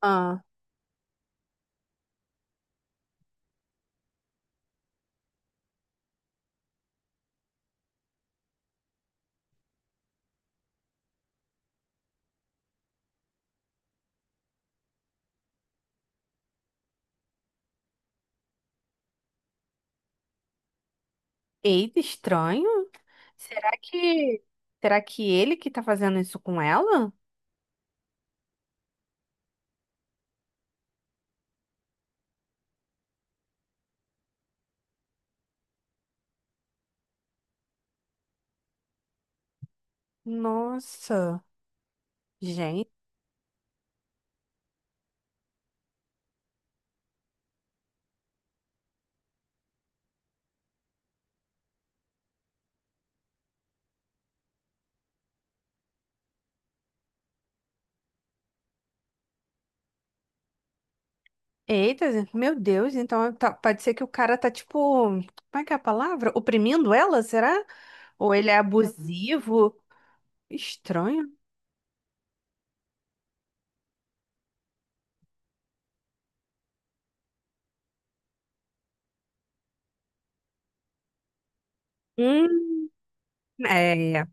Ah, eita, estranho. Será que será que ele que tá fazendo isso com ela? Nossa, gente. Eita, meu Deus, pode ser que o cara tá tipo, como é que é a palavra? Oprimindo ela, será? Ou ele é abusivo? Estranho. Hum, é,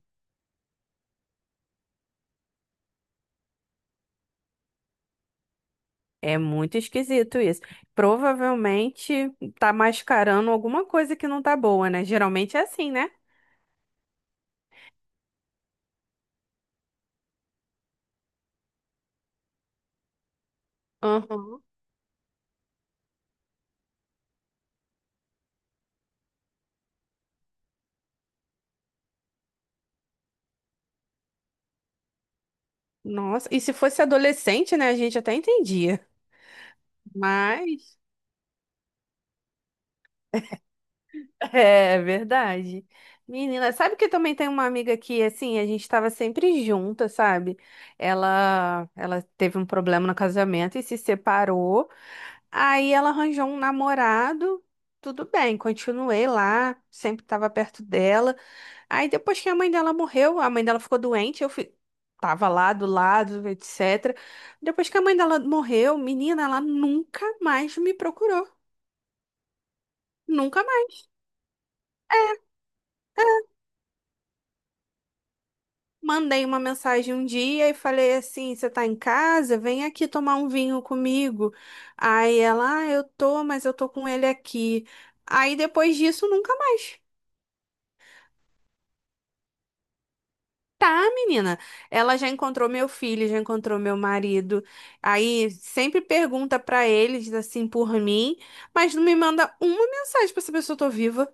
é muito esquisito isso. Provavelmente tá mascarando alguma coisa que não tá boa, né? Geralmente é assim, né? Aham. Nossa, e se fosse adolescente, né, a gente até entendia. Mas é verdade. Menina, sabe que também tem uma amiga que assim, a gente estava sempre junta, sabe? Ela teve um problema no casamento e se separou. Aí ela arranjou um namorado. Tudo bem, continuei lá, sempre estava perto dela. Aí depois que a mãe dela morreu, a mãe dela ficou doente, eu fui, tava lá do lado, etc. Depois que a mãe dela morreu, menina, ela nunca mais me procurou. Nunca mais. Mandei uma mensagem um dia e falei assim: você tá em casa? Vem aqui tomar um vinho comigo. Aí ela, ah, eu tô, mas eu tô com ele aqui. Aí depois disso, nunca mais. Tá, menina. Ela já encontrou meu filho, já encontrou meu marido. Aí sempre pergunta pra eles assim por mim, mas não me manda uma mensagem pra saber se eu tô viva.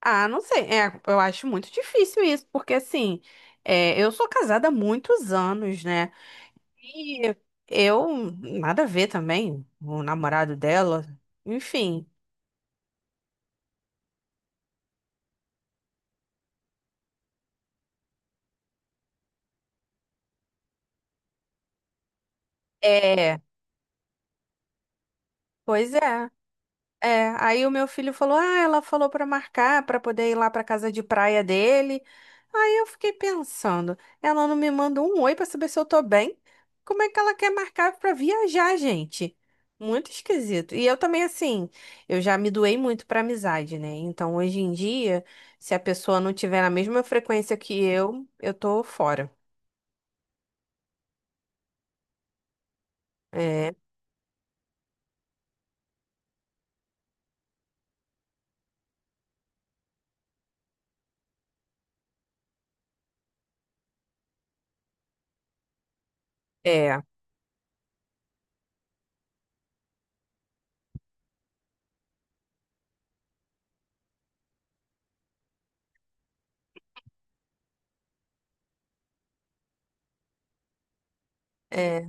Ah, não sei. É, eu acho muito difícil isso, porque assim, é, eu sou casada há muitos anos, né? E eu nada a ver também, o namorado dela. Enfim, é, pois é. É, aí o meu filho falou: "Ah, ela falou pra marcar pra poder ir lá pra casa de praia dele". Aí eu fiquei pensando, ela não me manda um oi pra saber se eu tô bem? Como é que ela quer marcar pra viajar, gente? Muito esquisito. E eu também assim, eu já me doei muito pra amizade, né? Então hoje em dia, se a pessoa não tiver na mesma frequência que eu tô fora. É, é, é.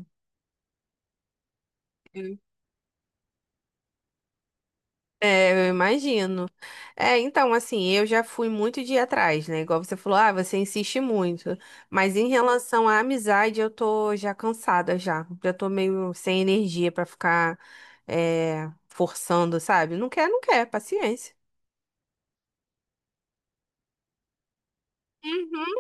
É, eu imagino. É, então, assim, eu já fui muito de ir atrás, né? Igual você falou, ah, você insiste muito. Mas em relação à amizade, eu tô já cansada já. Já tô meio sem energia pra ficar forçando, sabe? Não quer, não quer, paciência. Uhum.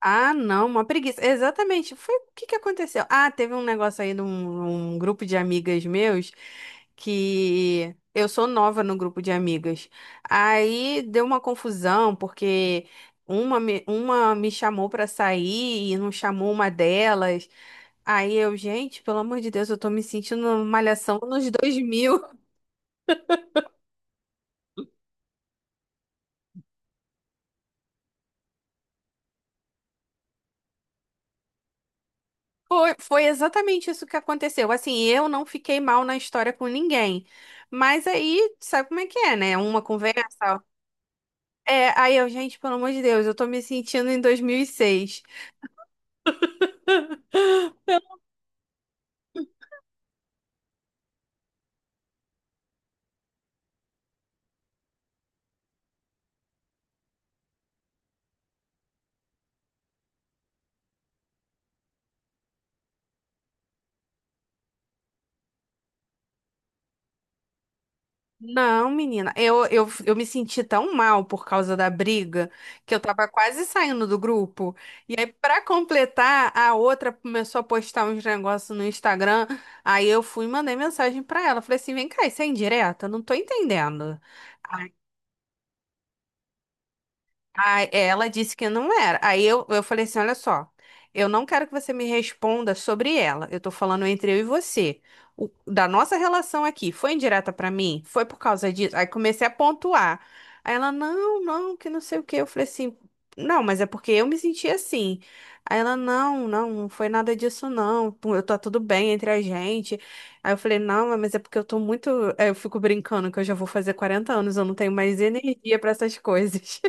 Ah, não, uma preguiça. Exatamente. Foi o que que aconteceu? Ah, teve um negócio aí de um grupo de amigas meus que eu sou nova no grupo de amigas. Aí deu uma confusão porque uma me chamou pra sair e não chamou uma delas. Aí eu, gente, pelo amor de Deus, eu tô me sentindo numa malhação nos 2000. Foi exatamente isso que aconteceu. Assim, eu não fiquei mal na história com ninguém. Mas aí, sabe como é que é, né? Uma conversa. É, aí eu, gente, pelo amor de Deus, eu tô me sentindo em 2006. Não, menina, eu me senti tão mal por causa da briga que eu tava quase saindo do grupo. E aí, pra completar, a outra começou a postar uns negócios no Instagram. Aí eu fui e mandei mensagem pra ela. Falei assim: vem cá, isso é indireta? Eu não tô entendendo. Aí ela disse que não era. Aí eu falei assim: olha só, eu não quero que você me responda sobre ela. Eu tô falando entre eu e você. Da nossa relação aqui, foi indireta pra mim? Foi por causa disso? Aí comecei a pontuar. Aí ela, não, não, que não sei o quê. Eu falei assim, não, mas é porque eu me senti assim. Aí ela, não, não, não foi nada disso, não. Pô, eu tá tudo bem entre a gente. Aí eu falei, não, mas é porque eu tô muito. Aí eu fico brincando que eu já vou fazer 40 anos, eu não tenho mais energia pra essas coisas.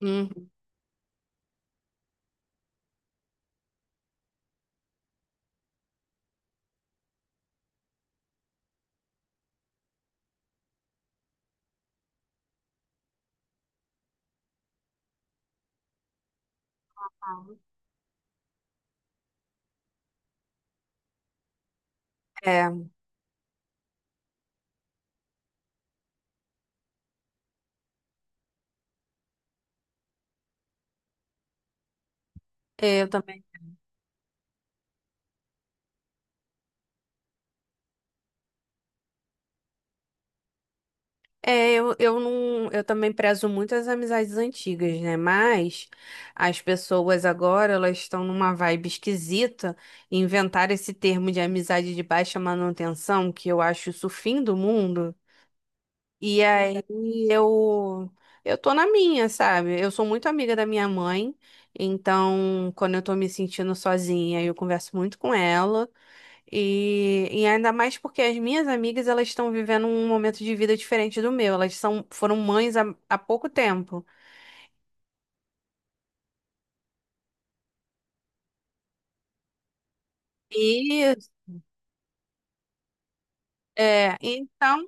É, é, eu também. É, eu não, eu também prezo muito as amizades antigas, né? Mas as pessoas agora, elas estão numa vibe esquisita, inventaram esse termo de amizade de baixa manutenção, que eu acho isso o fim do mundo. E aí eu eu tô na minha, sabe? Eu sou muito amiga da minha mãe, então quando eu tô me sentindo sozinha, eu converso muito com ela. E ainda mais porque as minhas amigas elas estão vivendo um momento de vida diferente do meu. Elas foram mães há pouco tempo. E é, então,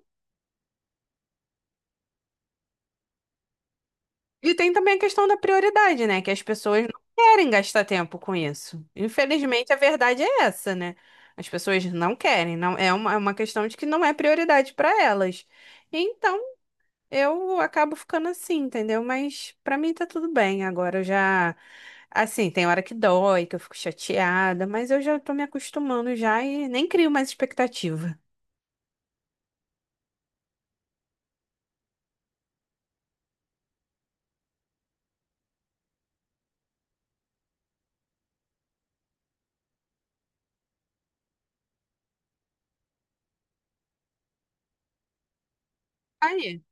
e tem também a questão da prioridade, né? Que as pessoas não querem gastar tempo com isso. Infelizmente, a verdade é essa, né? As pessoas não querem, não é uma, é uma questão de que não é prioridade para elas. Então, eu acabo ficando assim, entendeu? Mas pra mim tá tudo bem. Agora eu já. Assim, tem hora que dói, que eu fico chateada, mas eu já tô me acostumando já e nem crio mais expectativa. Aí,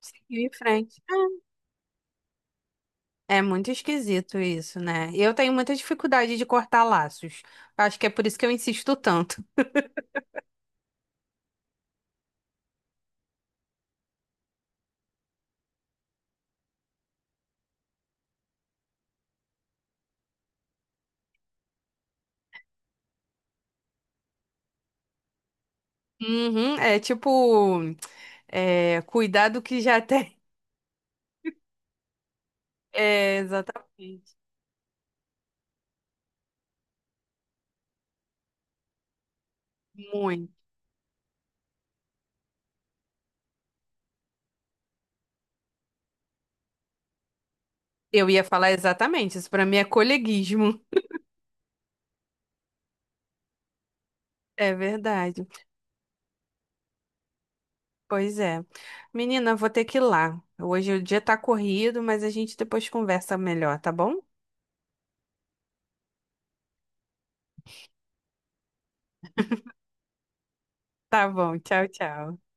seguiu em frente. É muito esquisito isso, né? E eu tenho muita dificuldade de cortar laços. Acho que é por isso que eu insisto tanto. Uhum, é tipo, cuidar do que já tem. É, exatamente. Muito. Eu ia falar exatamente, isso pra mim é coleguismo. É verdade. Pois é. Menina, vou ter que ir lá. Hoje o dia tá corrido, mas a gente depois conversa melhor, tá bom? Tá bom. Tchau, tchau.